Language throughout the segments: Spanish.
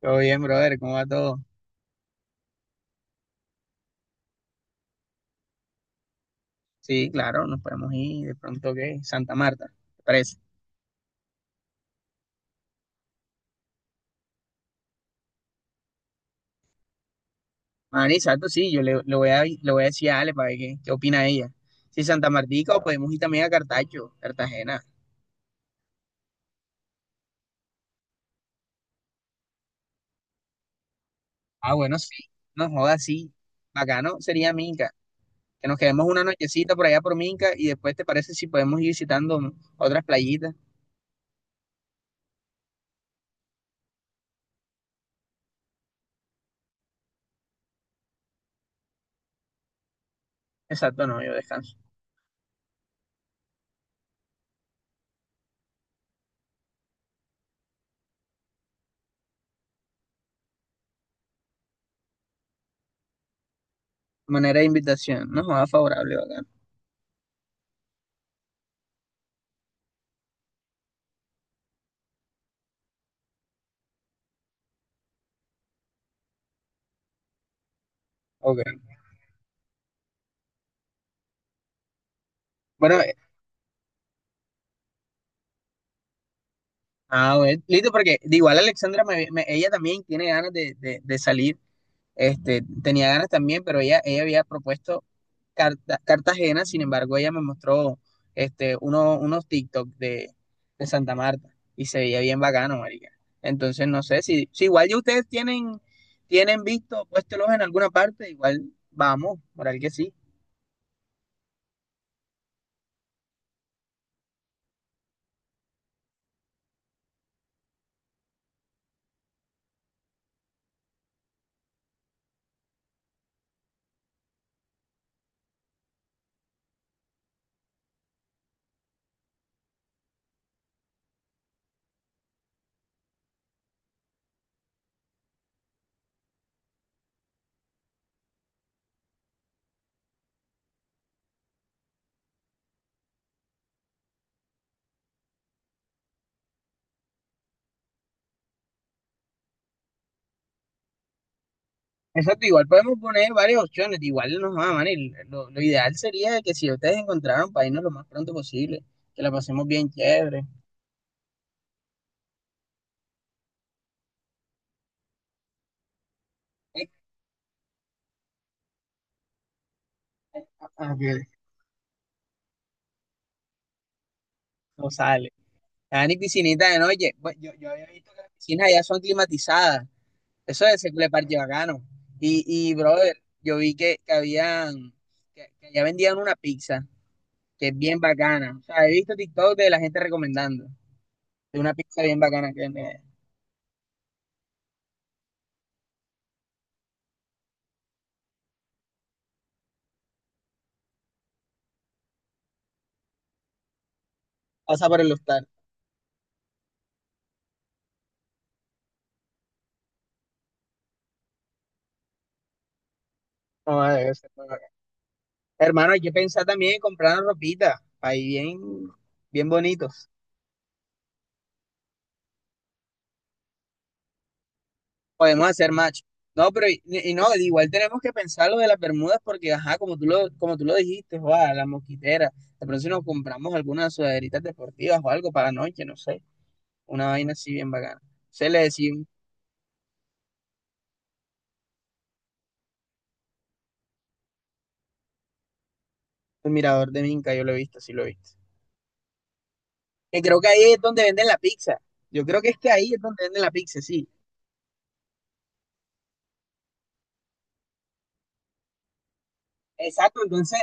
Todo bien, brother, ¿cómo va todo? Sí, claro, nos podemos ir de pronto, ¿qué? Santa Marta, ¿te parece? Ah, exacto, sí, yo le, le voy a decir a Ale para ver qué opina ella. Sí, Santa Martica o podemos ir también a Cartacho, Cartagena. Ah, bueno, sí, no jodas, sí. Bacano sería Minca, que nos quedemos una nochecita por allá por Minca y después, ¿te parece si podemos ir visitando otras playitas? Exacto, no, yo descanso. Manera de invitación, no jodas, favorable, bacano. Ok. Bueno, ah, bueno, listo, porque de igual Alexandra, ella también tiene ganas de, de salir, tenía ganas también, pero ella había propuesto Cartagena. Sin embargo, ella me mostró, uno, unos TikTok de Santa Marta, y se veía bien bacano, marica. Entonces, no sé, si, si igual ya ustedes tienen, tienen visto, puéstelos en alguna parte, igual vamos, moral que sí. Exacto, igual podemos poner varias opciones, igual no nos van a amar, y lo ideal sería que si ustedes encontraran para irnos lo más pronto posible, que la pasemos bien chévere. Ah, que no sale. Hagan y piscinita de noche. Bueno, yo había visto que las piscinas allá son climatizadas. Eso es el parche bacano. Y, brother, yo vi que habían, que allá vendían una pizza que es bien bacana. O sea, he visto TikTok de la gente recomendando. De una pizza bien bacana que venden allá. Pasa por el hostal. No, debe ser. Hermano, hay que pensar también en comprarnos ropita, ahí bien, bien bonitos. Podemos hacer match. No, pero y no, igual tenemos que pensar lo de las bermudas porque, ajá, como tú lo dijiste, joa, las mosquiteras. De pronto si nos compramos algunas sudaderitas deportivas o algo para la noche, no sé. Una vaina así bien bacana. Se le decía el mirador de Minca, yo lo he visto, sí lo he visto. Que creo que ahí es donde venden la pizza. Yo creo que es que ahí es donde venden la pizza, sí. Exacto, entonces,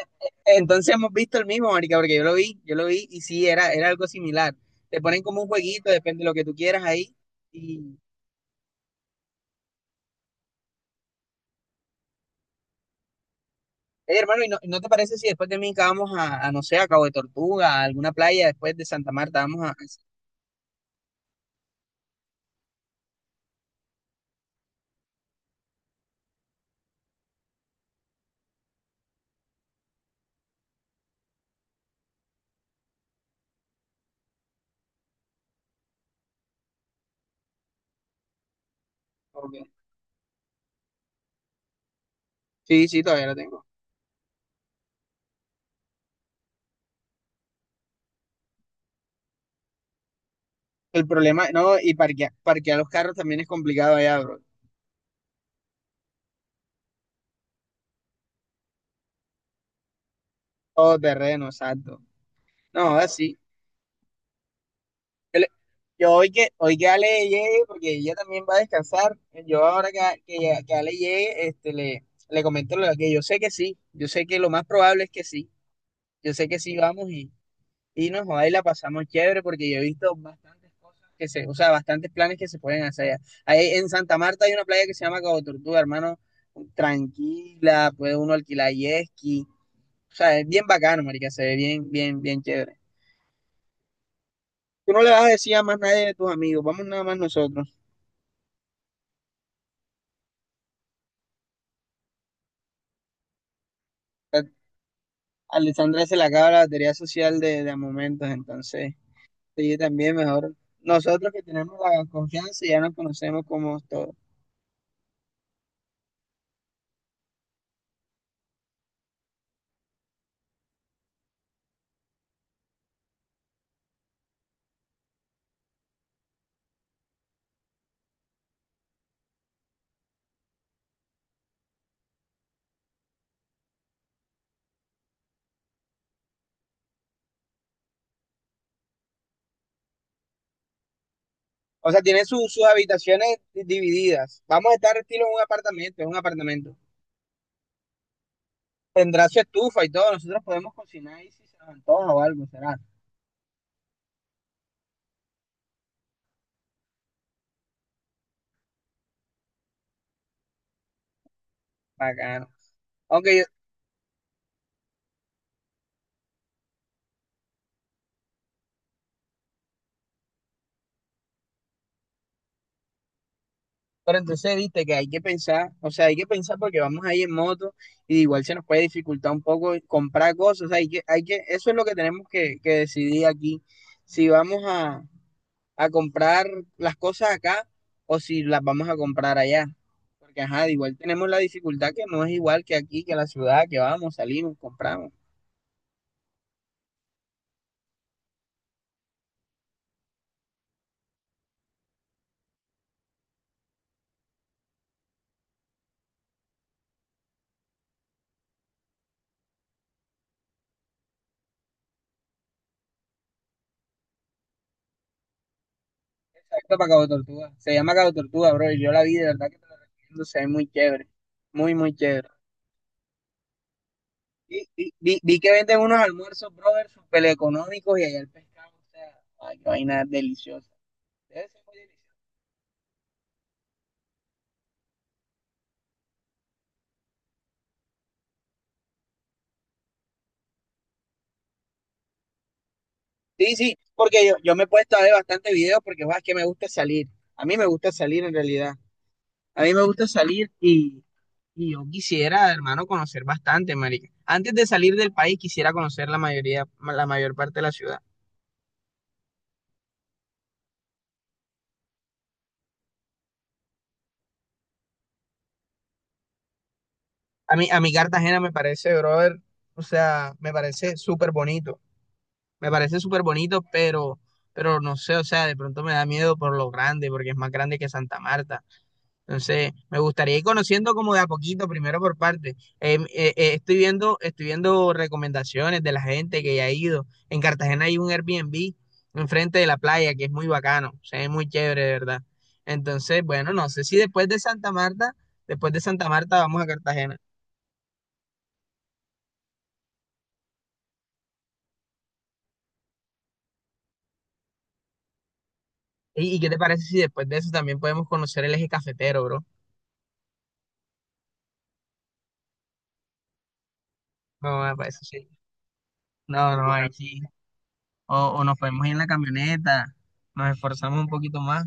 entonces hemos visto el mismo, marica, porque yo lo vi y sí, era algo similar. Te ponen como un jueguito, depende de lo que tú quieras ahí. Y, "Ey, hermano, ¿y no, no te parece si después de mí vamos a, no sé, a Cabo de Tortuga, a alguna playa después de Santa Marta, vamos a... Ok. Sí, sí, todavía lo tengo. El problema, no, y parquear, parquear los carros también es complicado allá, bro. Todo terreno, exacto. No, así. Yo, le- yo hoy que Ale llegue, porque ella también va a descansar, yo ahora que, que Ale llegue, le, le comento lo que yo sé que sí, yo sé que lo más probable es que sí, yo sé que sí vamos y nos joda y la pasamos chévere porque yo he visto bastantes cosas que se, o sea, bastantes planes que se pueden hacer. Ahí en Santa Marta hay una playa que se llama Cabo Tortuga, hermano, tranquila, puede uno alquilar jet ski, o sea, es bien bacano, marica, se ve bien, bien, bien chévere. Tú no le vas a decir a más nadie de tus amigos, vamos nada más nosotros. Alessandra se la acaba la batería social de a momentos, entonces ella también mejor. Nosotros que tenemos la confianza ya nos conocemos como todos. O sea, tiene sus habitaciones divididas. Vamos a estar estilo en un apartamento, en un apartamento. Tendrá su estufa y todo. Nosotros podemos cocinar ahí si se nos antoja o algo, será bacano. Aunque yo, pero entonces, viste que hay que pensar, o sea, hay que pensar porque vamos ahí en moto y igual se nos puede dificultar un poco comprar cosas, o sea, hay que, eso es lo que tenemos que decidir aquí, si vamos a comprar las cosas acá o si las vamos a comprar allá, porque ajá, igual tenemos la dificultad que no es igual que aquí, que la ciudad, que vamos, salimos, compramos. Exacto, para Cabo Tortuga, se llama Cabo Tortuga, bro, y yo la vi, de verdad que te lo recomiendo, se ve muy chévere, muy, muy chévere. Vi, vi que venden unos almuerzos, brother, súper económicos y allá el pescado, o sea, ay, qué vaina deliciosa. Debe ser muy delicioso. Sí, sí, porque yo me he puesto a ver bastante videos porque, guau, es que me gusta salir. A mí me gusta salir en realidad. A mí me gusta salir y yo quisiera, hermano, conocer bastante, marica. Antes de salir del país quisiera conocer la mayoría, la mayor parte de la ciudad. A mí, a mi Cartagena me parece, brother, o sea, me parece súper bonito. Me parece súper bonito, pero no sé, o sea, de pronto me da miedo por lo grande, porque es más grande que Santa Marta. Entonces, me gustaría ir conociendo como de a poquito, primero por parte. Estoy viendo recomendaciones de la gente que ya ha ido. En Cartagena hay un Airbnb enfrente de la playa que es muy bacano, o sea, es muy chévere, de verdad. Entonces, bueno, no sé si después de Santa Marta, después de Santa Marta vamos a Cartagena. Y qué te parece si después de eso también podemos conocer el eje cafetero, bro? No, me parece. No, no, ahí sí. O nos podemos ir en la camioneta, nos esforzamos un poquito más.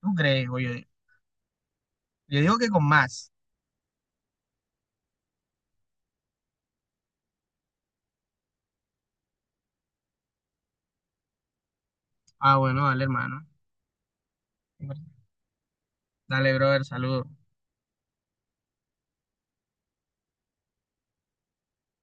¿Tú crees? O yo digo que con más. Ah, bueno, dale, hermano. Dale, brother, saludos.